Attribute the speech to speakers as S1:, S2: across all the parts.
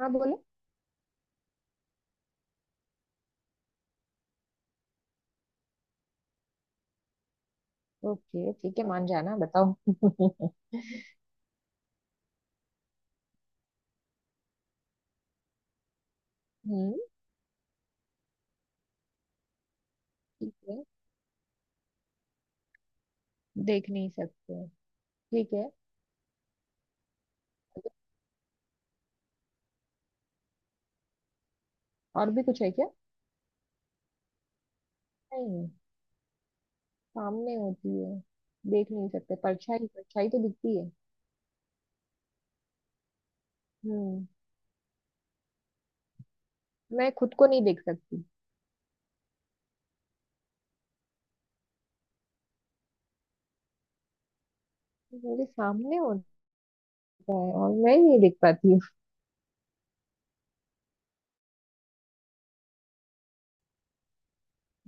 S1: हाँ, बोलो। ओके, ठीक है, मान जाना, बताओ। हम्म। ठीक है, देख नहीं सकते। ठीक है। और भी कुछ है क्या? नहीं, सामने होती है, देख नहीं सकते। परछाई, परछाई तो दिखती है। हम्म। मैं खुद को नहीं देख सकती। मेरे सामने होता है और मैं नहीं देख पाती हूँ।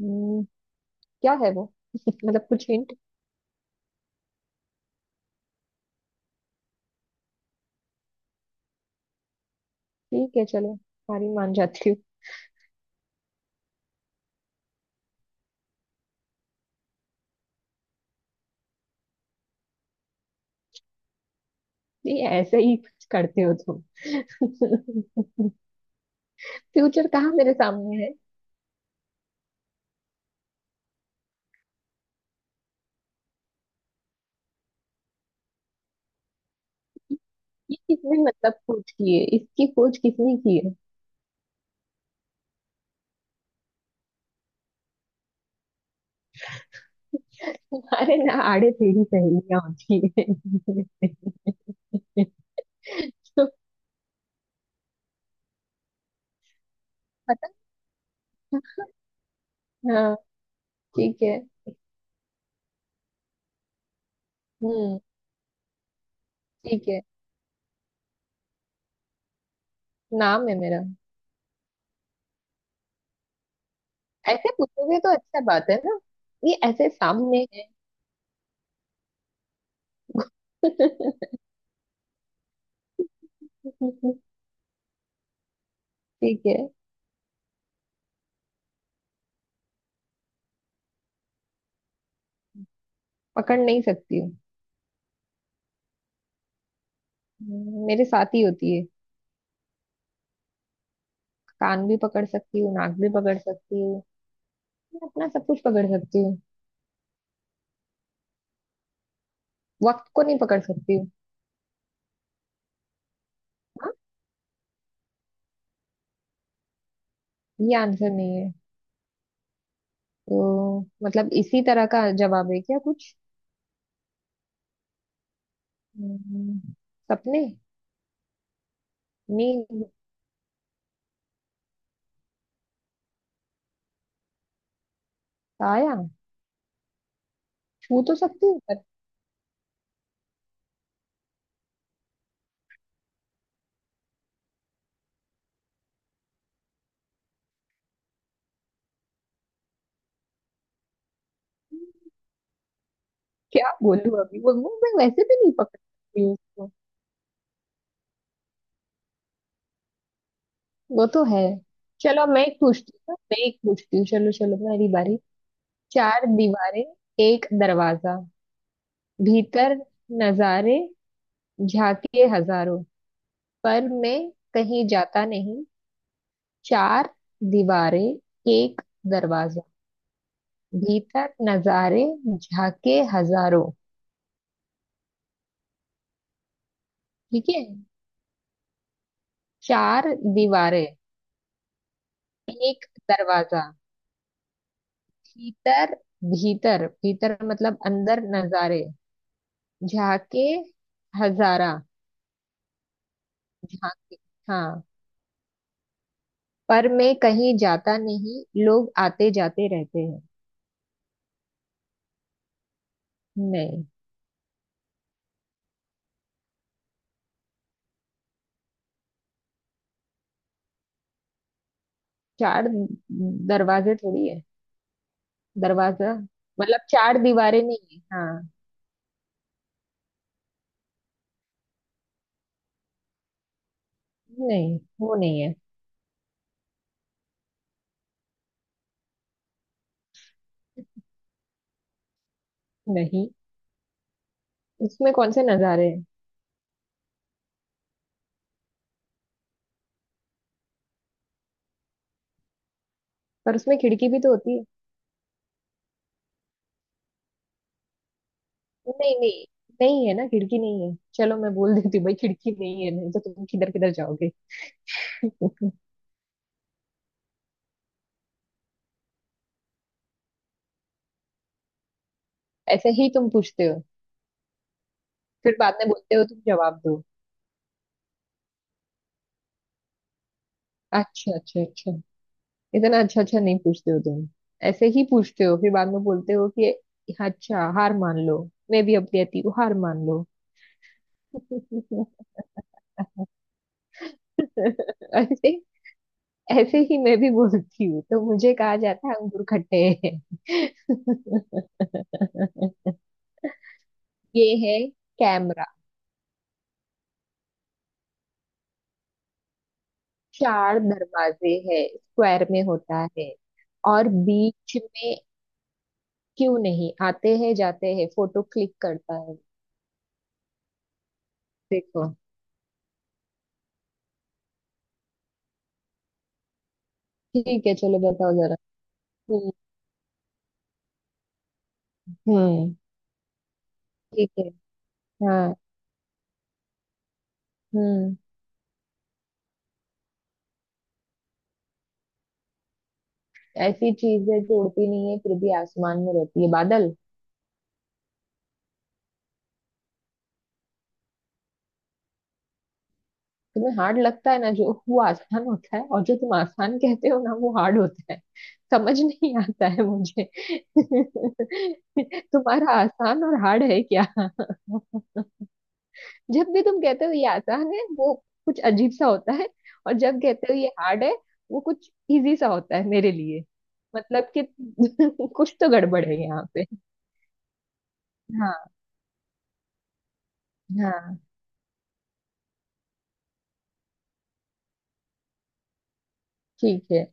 S1: हम्म, क्या है वो? मतलब कुछ हिंट। ठीक है, चलो, सारी मान जाती हूँ। ये ऐसे ही कुछ करते हो तुम। फ्यूचर कहाँ मेरे सामने है? ये किसने, मतलब खोज की है, इसकी खोज किसने की है? अरे ना, आड़े टेढ़ी सहेलियां होती है। तो पता था? हाँ, ठीक है। हम्म। ठीक है, नाम है मेरा। ऐसे पूछोगे तो अच्छा बात है ना। ये ऐसे सामने है। ठीक है, पकड़ नहीं सकती हूँ। मेरे साथ ही होती है। कान भी पकड़ सकती हूँ, नाक भी पकड़ सकती हूँ। मैं अपना सब कुछ पकड़ सकती हूँ। वक्त को नहीं पकड़ सकती हूँ। हाँ, ये आंसर नहीं। तो मतलब इसी तरह का जवाब है क्या कुछ? हम्म, सपने। नींद। आया। छू तो सकती हूँ पर। क्या बोलूँ अभी, वो मैं वैसे भी नहीं पकड़ सकती हूँ उसको। वो तो है। चलो अब मैं एक पूछती हूँ। हाँ, मैं एक पूछती हूँ, चलो चलो, मेरी बारी। चार दीवारें, एक दरवाजा, भीतर नजारे, झांकिए हजारों, पर मैं कहीं जाता नहीं। चार दीवारें, एक दरवाजा, भीतर नजारे, झाके हजारों। ठीक है। चार दीवारें, एक दरवाजा, भीतर भीतर भीतर मतलब अंदर नजारे, झाके हजारा, झाके। हाँ, पर मैं कहीं जाता नहीं, लोग आते जाते रहते हैं। नहीं, चार दरवाजे थोड़ी है। दरवाजा मतलब चार दीवारें नहीं है। हाँ, नहीं वो नहीं है। नहीं, उसमें कौन से नजारे हैं? पर उसमें खिड़की भी तो होती है। नहीं नहीं, नहीं है ना, खिड़की नहीं है, चलो मैं बोल देती हूँ भाई, खिड़की नहीं है, नहीं तो तुम किधर किधर जाओगे। ऐसे ही तुम पूछते हो, फिर बाद में बोलते हो तुम जवाब दो। अच्छा अच्छा अच्छा, इतना अच्छा अच्छा नहीं पूछते हो तुम। ऐसे ही पूछते हो फिर बाद में बोलते हो कि अच्छा हार मान लो। मैं भी अब कहती हूँ हार मान लो। ऐसे ऐसे ही मैं भी बोलती हूँ तो मुझे कहा जाता है अंगूर खट्टे हैं। ये है कैमरा। चार दरवाजे हैं, स्क्वायर में होता है। और बीच में क्यों नहीं आते हैं जाते हैं, फोटो क्लिक करता है। देखो, ठीक है, चलो बताओ जरा। हम्म। हम्म। ठीक है। हाँ। हम्म। ऐसी चीज है जो उड़ती नहीं है फिर भी आसमान में रहती है, बादल। तुम्हें हार्ड लगता है ना जो, वो आसान होता है, और जो तुम आसान कहते हो ना, वो हार्ड होता है। समझ नहीं आता है मुझे। तुम्हारा आसान और हार्ड है क्या? जब भी तुम कहते हो ये आसान है, वो कुछ अजीब सा होता है। और जब कहते हो ये हार्ड है, वो कुछ इजी सा होता है मेरे लिए। मतलब कि कुछ तो गड़बड़ है यहाँ पे। हाँ। हाँ, ठीक है।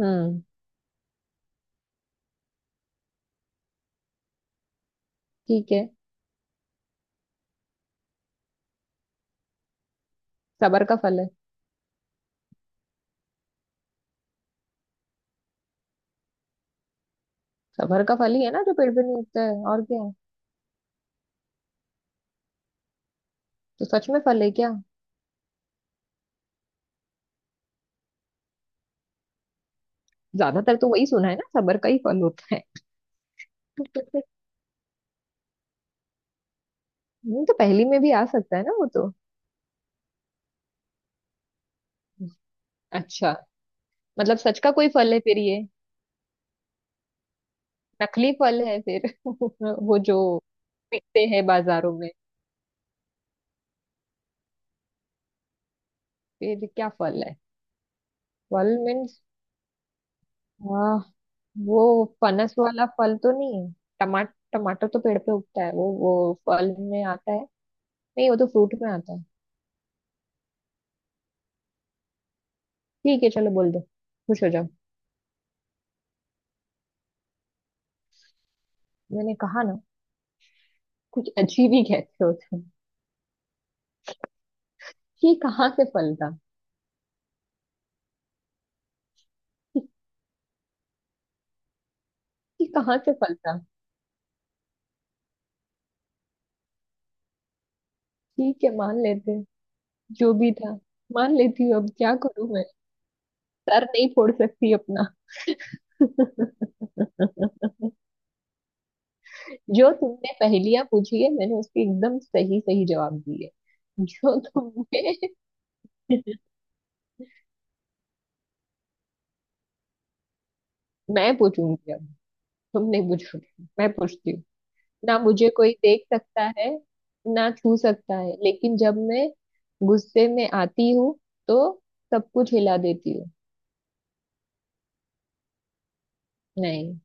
S1: हम्म। ठीक है, सबर का फल है। सबर का फल ही है ना जो पेड़ पे नहीं उगता है, और क्या है। तो सच में फल है क्या? ज्यादातर तो वही सुना है ना, सबर का ही फल होता है। नहीं, तो पहली में भी आ सकता है ना वो तो। अच्छा, मतलब सच का कोई फल है फिर ये? नकली फल है फिर, वो जो मिलते हैं बाजारों में। फिर क्या फल है? फल मीन्स, हाँ, वो फनस वाला फल तो नहीं है। टमाटर, टमाटर तो पेड़ पे उगता है, वो फल में आता है। नहीं वो तो फ्रूट में आता है। ठीक है चलो बोल दो, खुश हो जाओ। मैंने कहा ना, कुछ अजीब ही कहते हो तुम। ये कहाँ से फल था? ये कहाँ से फल था? ठीक है मान लेते हैं। जो भी था, मान लेती हूँ, अब क्या करूं मैं। सर नहीं फोड़ सकती अपना। जो तुमने पहेलियां पूछी है, मैंने उसके एकदम सही सही जवाब दिए। जो तुमने मैं पूछूंगी अब, तुम नहीं पूछोगे, मैं पूछती हूँ। ना मुझे कोई देख सकता है, ना छू सकता है, लेकिन जब मैं गुस्से में आती हूँ तो सब कुछ हिला देती हूँ। नहीं।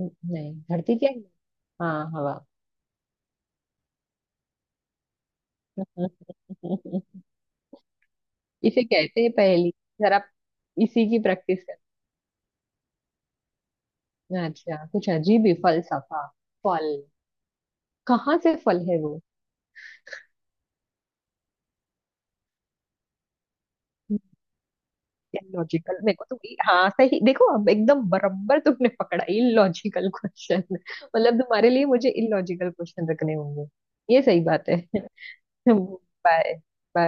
S1: नहीं धरती क्या है? हाँ, हवा। इसे कहते हैं पहेली जरा। इसी की प्रैक्टिस कर। अच्छा, कुछ अजीब ही फलसफा फल। कहाँ से फल है वो? लॉजिकल मेरे को तुम, हाँ सही, देखो अब एकदम बराबर तुमने पकड़ा, इलॉजिकल क्वेश्चन। मतलब तुम्हारे लिए मुझे इलॉजिकल क्वेश्चन रखने होंगे। ये सही बात है। बाय। बाय।